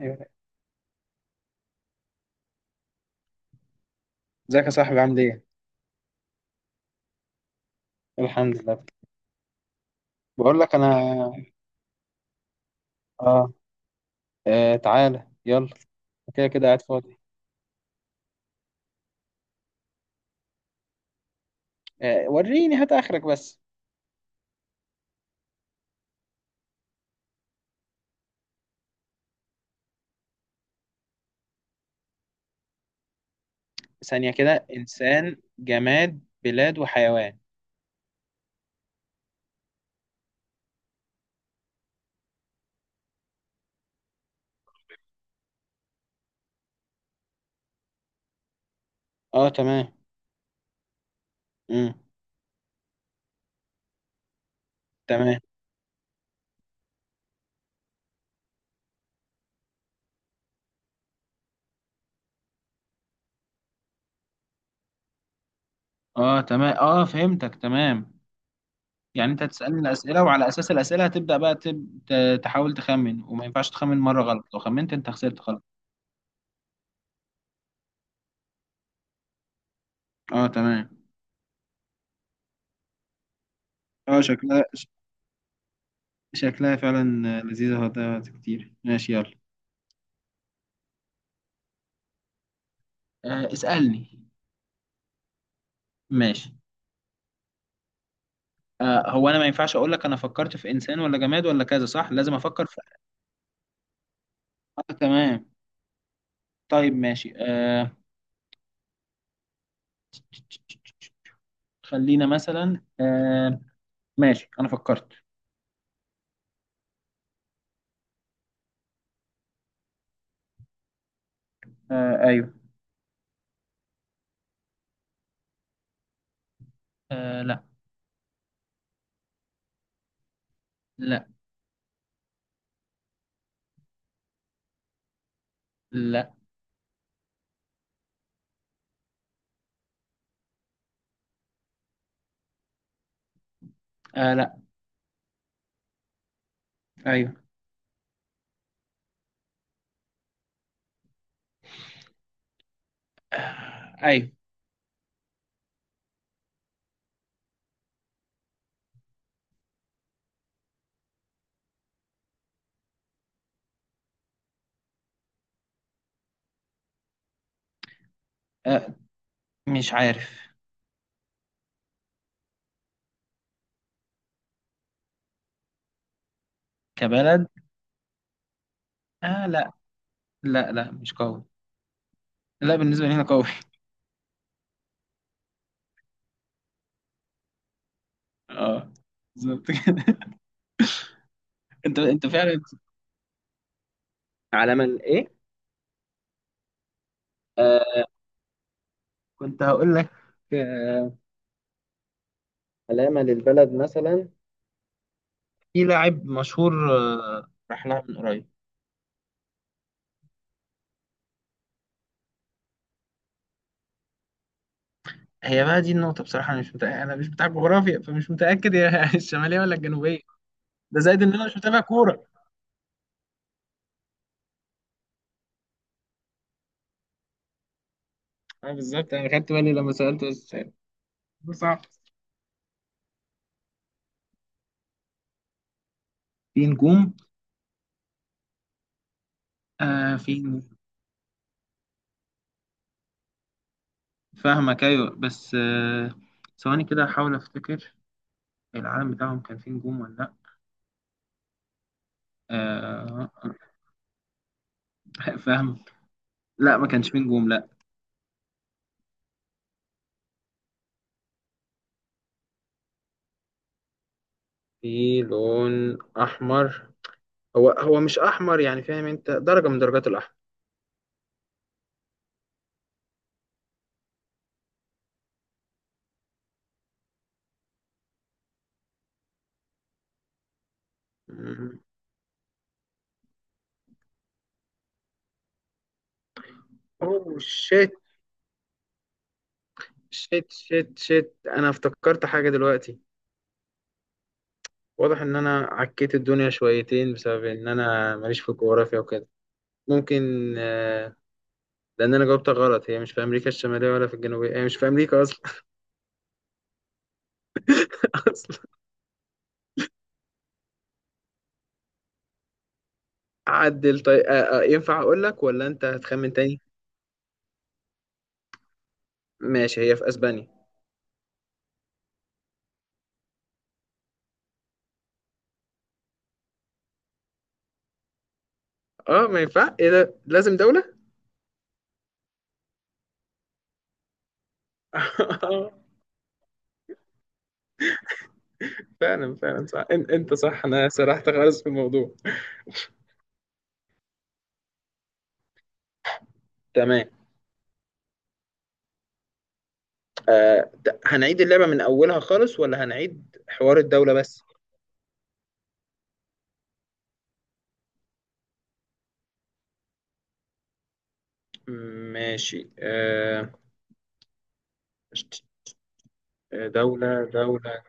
ايوه. ازيك يا صاحبي، عامل ايه؟ الحمد لله. بقول لك انا. اه, آه تعالى يلا. كده كده قاعد فاضي. آه وريني هات اخرك بس. ثانية كده، انسان جماد بلاد وحيوان. اه تمام. امم تمام. اه تمام. اه فهمتك تمام. يعني انت هتسألني الأسئلة، وعلى اساس الأسئلة هتبدأ بقى تحاول تخمن، وما ينفعش تخمن مرة غلط، لو خمنت انت خسرت خلاص. اه تمام. اه شكلها فعلا لذيذة، هتضيع وقت كتير. ماشي يلا. آه اسألني. ماشي. آه هو انا ما ينفعش اقول لك انا فكرت في انسان ولا جماد ولا كذا، صح؟ لازم افكر في. آه تمام. طيب ماشي. خلينا مثلا. ماشي انا فكرت. آه ايوه. آه لا. لا. لا. آه لا. ايوه. ايوه. آه مش عارف. كبلد. آه لا. لا لا مش قوي. لا، بالنسبة لي هنا قوي. اه بالظبط كده. انت فعلا. علامة ايه؟ آه كنت هقول لك. آه، علامة للبلد مثلا، في لاعب مشهور راح لها من قريب. هي بقى دي النقطة، بصراحة أنا مش متأكد، أنا مش بتاع جغرافيا، فمش متأكد هي الشمالية ولا الجنوبية. ده زائد إن أنا مش متابع كورة. أه بالظبط، أنا خدت بالي لما سألت بس. ده صعب. في نجوم. آه في نجوم. فاهمك أيوه بس. ثواني كده أحاول أفتكر، العالم بتاعهم كان فيه نجوم ولا لأ. آه. فاهم. لا ما كانش فيه نجوم، لا. في لون أحمر. هو مش أحمر، يعني فاهم، أنت درجة من درجات الأحمر. اوه شيت شيت شيت شيت، انا افتكرت حاجه دلوقتي. واضح ان انا عكيت الدنيا شويتين، بسبب ان انا ماليش في الجغرافيا وكده. ممكن. لان انا جاوبتها غلط، هي مش في امريكا الشماليه ولا في الجنوبيه، هي مش في امريكا اصلا. اصلا. عدل طيب. ينفع اقول لك ولا انت هتخمن تاني؟ ماشي، هي في اسبانيا. اه ما ينفع، ايه ده، لازم دوله. فعلا فعلا صح، انت صح، انا سرحت خالص في الموضوع. تمام. هنعيد اللعبة من أولها خالص، ولا هنعيد حوار الدولة بس؟ ماشي. دولة.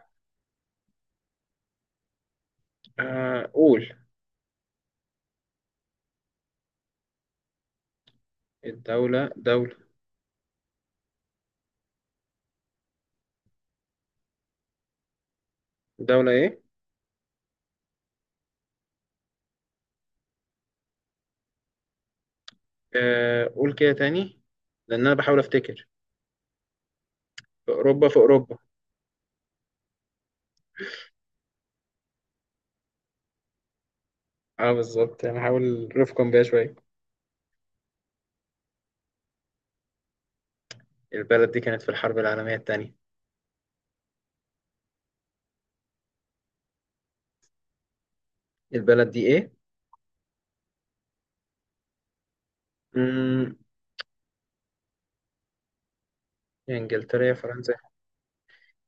قول. الدولة دولة دولة إيه؟ قول كده تاني، لأن أنا بحاول أفتكر. في أوروبا، في أوروبا. أه بالظبط، أنا هحاول رفقا بيها شوية. البلد دي كانت في الحرب العالمية التانية. البلد دي إيه؟ مم، يا إنجلترا يا فرنسا.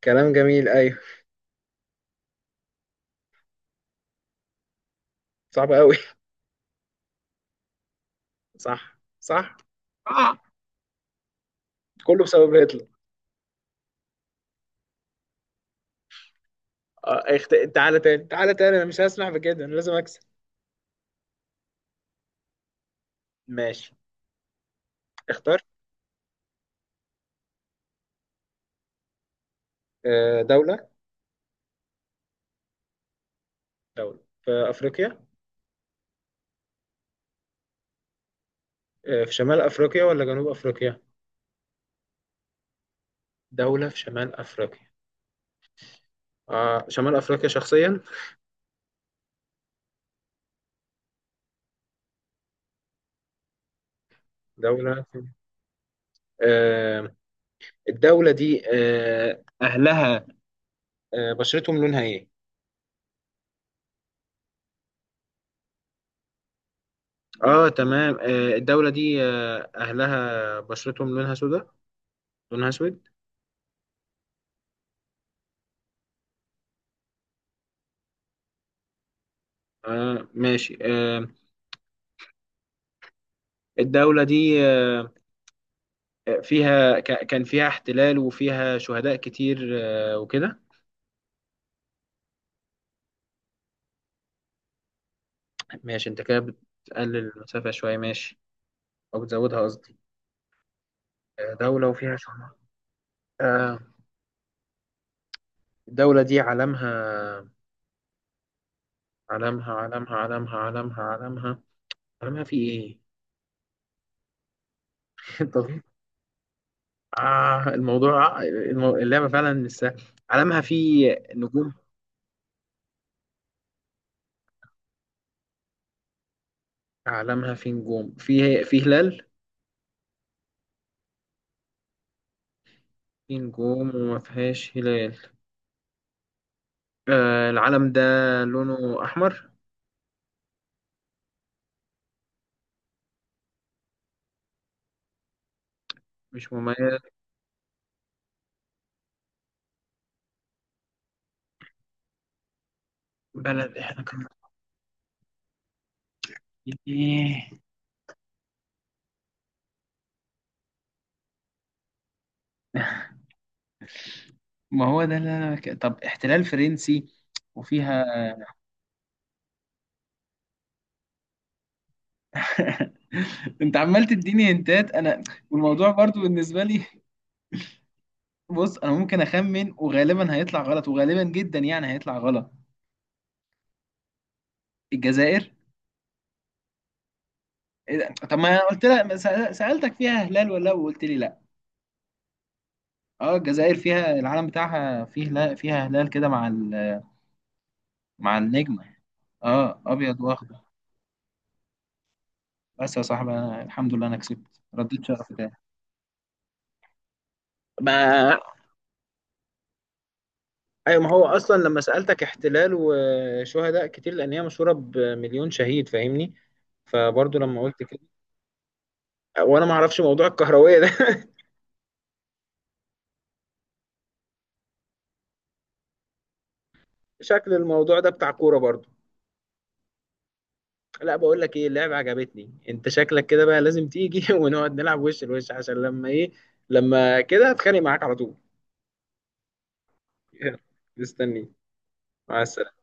كلام جميل أيوه. صعب أوي. صح صح. آه. كله بسبب هتلر. تعالى تاني، تعالى تاني، انا مش هسمح بكده، انا لازم اكسب. ماشي اختار. دولة. دولة في افريقيا. في شمال افريقيا ولا جنوب افريقيا؟ دولة في شمال افريقيا. آه شمال افريقيا شخصيا. دولة في... آه الدولة دي اهلها، بشرتهم لونها ايه؟ اه تمام. الدولة دي اهلها بشرتهم لونها سوداء، لونها اسود. آه ماشي. الدولة دي فيها كان فيها احتلال، وفيها شهداء كتير وكده. ماشي، انت كده بتقلل المسافة شوية، ماشي. او بتزودها قصدي. دولة وفيها شهداء. آه، الدولة دي علمها علمها علمها علمها علمها علمها في ايه؟ طب- اللعبة فعلا لسه علمها في نجوم في هلال. في نجوم وما فيهاش هلال. العلم ده لونه أحمر. مش مميز. بلد احنا كنا. ايه. ما هو ده اللي انا طب احتلال فرنسي، وفيها. انت عمال تديني هنتات انا، والموضوع برضو بالنسبه لي. بص انا ممكن اخمن، وغالبا هيطلع غلط، وغالبا جدا يعني هيطلع غلط. الجزائر. إيه ده؟ طب ما انا قلت لك سالتك فيها هلال ولا لا، وقلت لي لا. اه الجزائر فيها، العلم بتاعها فيه هلال، فيها هلال كده مع ال... مع النجمه. اه ابيض واخضر. بس يا صاحبي، أنا الحمد لله انا كسبت رديت شرفي تاني. ما. ايوه ما هو اصلا لما سألتك احتلال وشهداء كتير، لان هي مشهورة بمليون شهيد، فاهمني. فبرضه لما قلت كده. وانا ما اعرفش موضوع الكهروية ده. شكل الموضوع ده بتاع كورة برضه. لا بقول لك ايه، اللعبة عجبتني، انت شكلك كده بقى لازم تيجي ونقعد نلعب وش لوش، عشان لما ايه، لما كده اتخانق معاك على طول. مستني. مع السلامة.